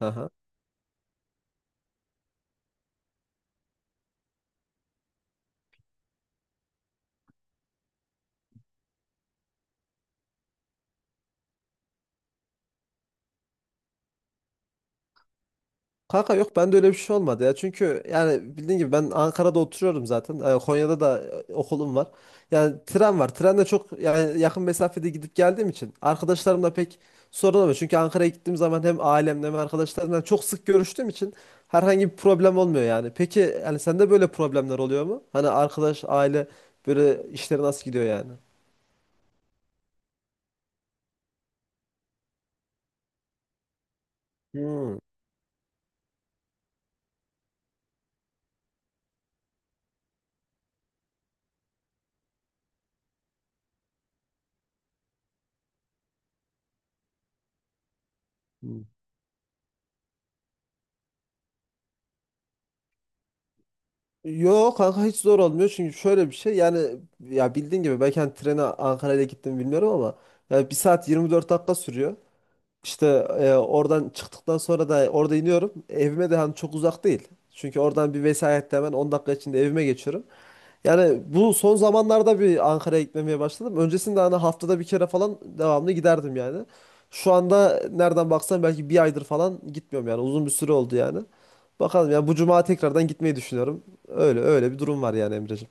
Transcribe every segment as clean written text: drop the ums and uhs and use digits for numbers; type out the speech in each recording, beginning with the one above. Aha. Kanka yok bende öyle bir şey olmadı ya. Çünkü yani bildiğin gibi ben Ankara'da oturuyorum zaten. Konya'da da okulum var. Yani tren var. Trenle çok yani yakın mesafede gidip geldiğim için arkadaşlarımla pek sorun olmuyor. Çünkü Ankara'ya gittiğim zaman hem ailemle hem arkadaşlarımla çok sık görüştüğüm için herhangi bir problem olmuyor yani. Peki yani sende böyle problemler oluyor mu? Hani arkadaş, aile böyle işleri nasıl gidiyor yani? Hmm. Yo, kanka hiç zor olmuyor çünkü şöyle bir şey yani ya bildiğin gibi belki hani trene Ankara'ya gittim bilmiyorum ama ya 1 saat 24 dakika sürüyor. İşte oradan çıktıktan sonra da orada iniyorum. Evime de hani çok uzak değil. Çünkü oradan bir vesayette hemen 10 dakika içinde evime geçiyorum. Yani bu son zamanlarda bir Ankara'ya gitmemeye başladım. Öncesinde hani haftada bir kere falan devamlı giderdim yani. Şu anda nereden baksan belki bir aydır falan gitmiyorum yani. Uzun bir süre oldu yani. Bakalım yani bu cuma tekrardan gitmeyi düşünüyorum. Öyle öyle bir durum var yani Emreciğim.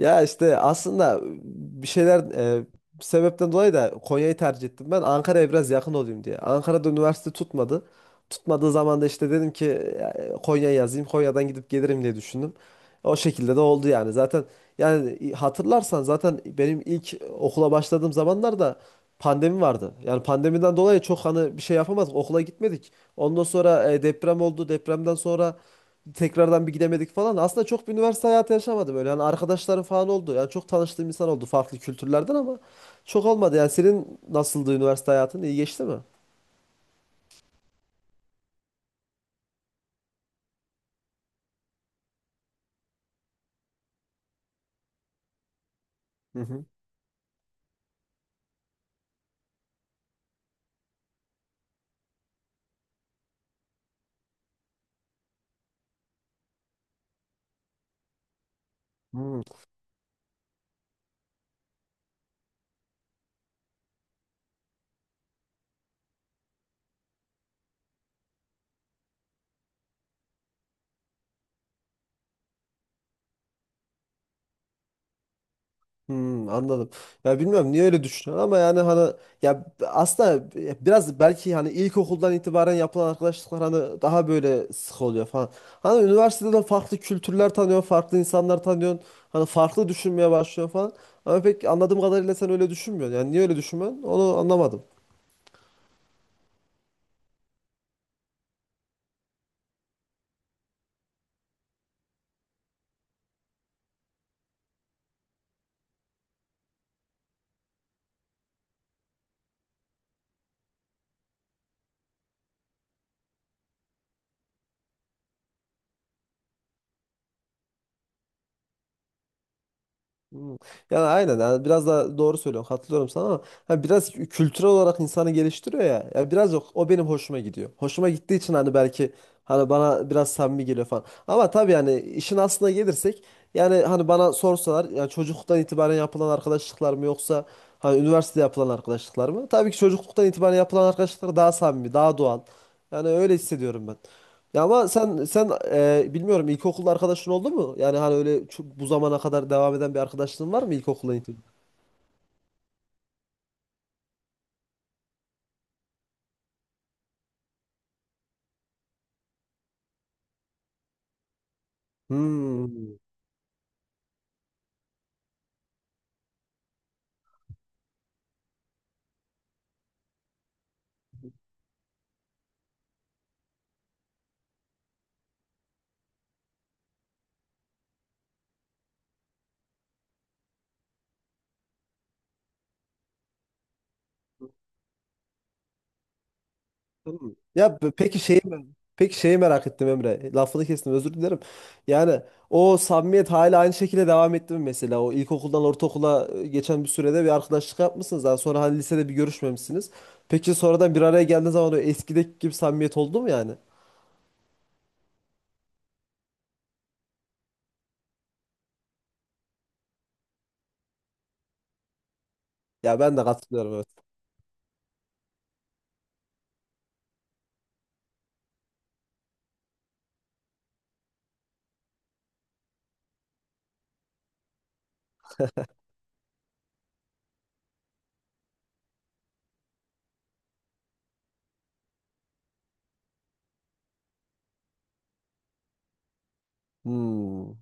Ya işte aslında bir şeyler bir sebepten dolayı da Konya'yı tercih ettim ben. Ankara'ya biraz yakın olayım diye. Ankara'da üniversite tutmadı. Tutmadığı zaman da işte dedim ki Konya'ya yazayım. Konya'dan gidip gelirim diye düşündüm. O şekilde de oldu yani. Zaten yani hatırlarsan zaten benim ilk okula başladığım zamanlarda pandemi vardı. Yani pandemiden dolayı çok hani bir şey yapamadık. Okula gitmedik. Ondan sonra deprem oldu. Depremden sonra tekrardan bir gidemedik falan. Aslında çok bir üniversite hayatı yaşamadım öyle. Yani arkadaşlarım falan oldu. Yani çok tanıştığım insan oldu farklı kültürlerden ama çok olmadı. Yani senin nasıldı üniversite hayatın? İyi geçti mi? Hı hı. Hmm. Hmm, anladım. Ya bilmiyorum niye öyle düşünüyorum ama yani hani ya aslında biraz belki hani ilkokuldan itibaren yapılan arkadaşlıklar hani daha böyle sık oluyor falan. Hani üniversitede de farklı kültürler tanıyorsun, farklı insanlar tanıyorsun. Hani farklı düşünmeye başlıyorsun falan. Ama pek anladığım kadarıyla sen öyle düşünmüyorsun. Yani niye öyle düşünmüyorsun? Onu anlamadım. Hmm. Yani aynen yani biraz daha doğru söylüyorsun katılıyorum sana ama hani biraz kültürel olarak insanı geliştiriyor ya. Ya biraz yok o benim hoşuma gidiyor. Hoşuma gittiği için hani belki hani bana biraz samimi geliyor falan. Ama tabii yani işin aslına gelirsek yani hani bana sorsalar yani çocukluktan itibaren yapılan arkadaşlıklar mı yoksa hani üniversitede yapılan arkadaşlıklar mı? Tabii ki çocukluktan itibaren yapılan arkadaşlıklar daha samimi, daha doğal. Yani öyle hissediyorum ben. Ya ama sen bilmiyorum ilkokul arkadaşın oldu mu? Yani hani öyle çok, bu zamana kadar devam eden bir arkadaşlığın var mı ilkokulda? Hmm. Hmm. Ya peki şeyi merak ettim Emre. Lafını kestim özür dilerim. Yani o samimiyet hala aynı şekilde devam etti mi mesela? O ilkokuldan ortaokula geçen bir sürede bir arkadaşlık yapmışsınız. Daha sonra hani lisede bir görüşmemişsiniz. Peki sonradan bir araya geldiğiniz zaman o eskideki gibi samimiyet oldu mu yani? Ya ben de katılıyorum, evet. Hmm.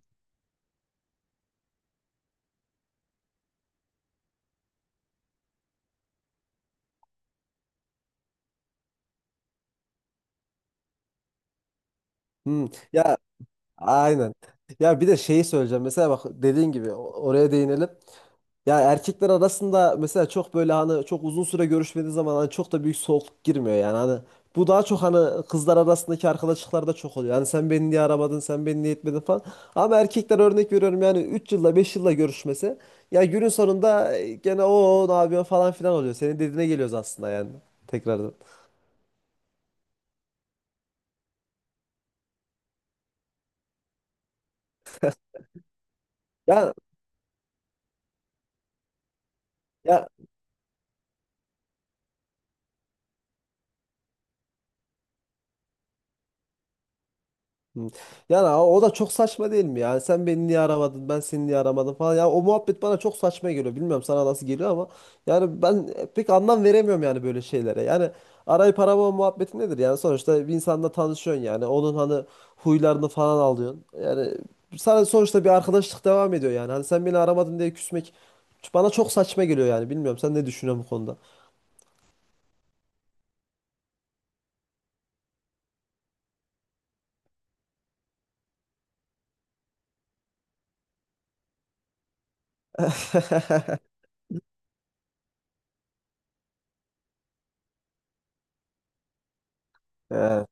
Hmm. Ya, aynen. Ya bir de şeyi söyleyeceğim. Mesela bak dediğin gibi oraya değinelim. Ya erkekler arasında mesela çok böyle hani çok uzun süre görüşmediği zaman hani çok da büyük soğukluk girmiyor yani. Hani bu daha çok hani kızlar arasındaki arkadaşlıklarda çok oluyor. Yani sen beni niye aramadın, sen beni niye etmedin falan. Ama erkekler örnek veriyorum yani 3 yılda 5 yılda görüşmesi. Ya günün sonunda gene o ne yapıyorsun falan filan oluyor. Senin dediğine geliyoruz aslında yani tekrardan. Ya, ya Hı. Yani o da çok saçma değil mi? Yani sen beni niye aramadın, ben seni niye aramadım falan. Ya o muhabbet bana çok saçma geliyor. Bilmiyorum sana nasıl geliyor ama yani ben pek anlam veremiyorum yani böyle şeylere. Yani arayıp aramama muhabbeti nedir? Yani sonuçta bir insanla tanışıyorsun yani. Onun hani huylarını falan alıyorsun. Yani sana sonuçta bir arkadaşlık devam ediyor yani. Hani sen beni aramadın diye küsmek bana çok saçma geliyor yani. Bilmiyorum sen ne düşünüyorsun bu konuda? Evet.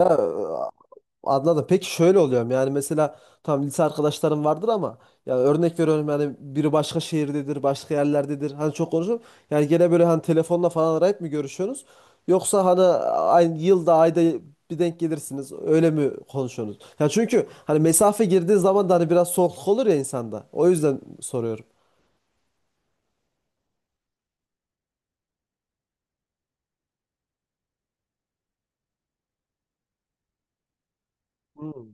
Ya, anladım. Peki şöyle oluyor mu? Yani mesela tam lise arkadaşlarım vardır ama ya örnek veriyorum yani biri başka şehirdedir, başka yerlerdedir. Hani çok konuşuyorum. Yani gene böyle hani telefonla falan arayıp mı görüşüyorsunuz? Yoksa hani aynı yılda, ayda bir denk gelirsiniz. Öyle mi konuşuyorsunuz? Ya çünkü hani mesafe girdiği zaman da hani biraz soğukluk olur ya insanda. O yüzden soruyorum. Hmm.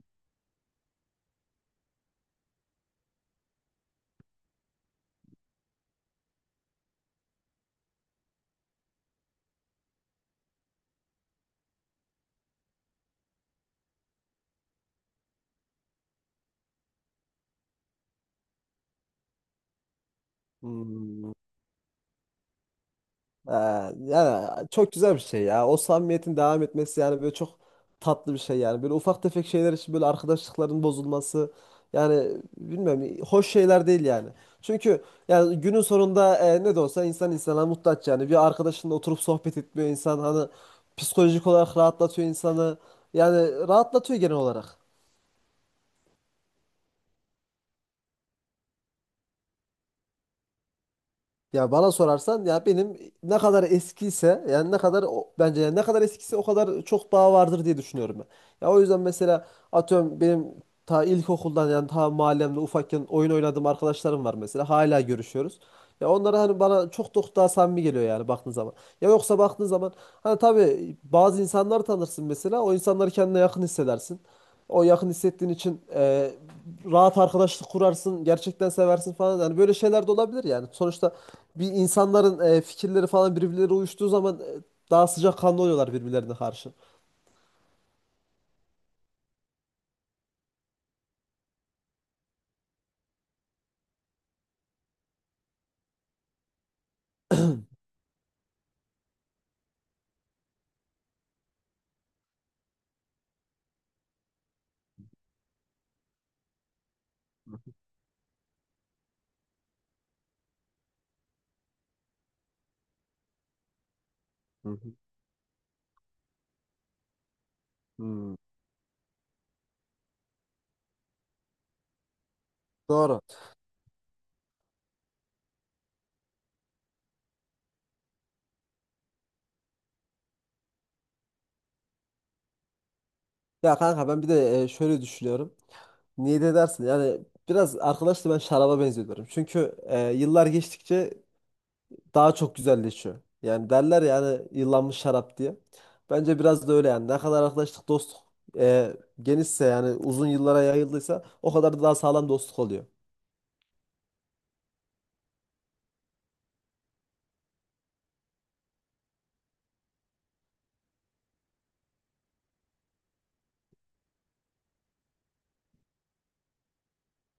Hmm. Ee, yani çok güzel bir şey ya. O samimiyetin devam etmesi yani böyle çok tatlı bir şey yani. Böyle ufak tefek şeyler için böyle arkadaşlıkların bozulması yani bilmiyorum hoş şeyler değil yani. Çünkü yani günün sonunda ne de olsa insan insana muhtaç yani. Bir arkadaşınla oturup sohbet etmiyor insan hani psikolojik olarak rahatlatıyor insanı. Yani rahatlatıyor genel olarak. Ya bana sorarsan ya benim ne kadar eskiyse yani ne kadar bence yani ne kadar eskiyse o kadar çok bağ vardır diye düşünüyorum ben. Ya o yüzden mesela atıyorum benim ta ilkokuldan yani ta mahallemde ufakken oyun oynadığım arkadaşlarım var mesela. Hala görüşüyoruz. Ya onlar hani bana çok çok daha samimi geliyor yani baktığın zaman. Ya yoksa baktığın zaman hani tabii bazı insanlar tanırsın mesela. O insanları kendine yakın hissedersin. O yakın hissettiğin için rahat arkadaşlık kurarsın, gerçekten seversin falan. Yani böyle şeyler de olabilir yani. Sonuçta bir insanların fikirleri falan birbirleri uyuştuğu zaman daha sıcakkanlı oluyorlar birbirlerine karşı. Hı hı. Hmm. Doğru. Ya kanka ben bir de şöyle düşünüyorum. Niye de dersin? Yani biraz arkadaşla ben şaraba benziyorum. Çünkü yıllar geçtikçe daha çok güzelleşiyor. Yani derler yani yıllanmış şarap diye. Bence biraz da öyle yani. Ne kadar arkadaşlık dostluk e, genişse yani uzun yıllara yayıldıysa o kadar da daha sağlam dostluk oluyor.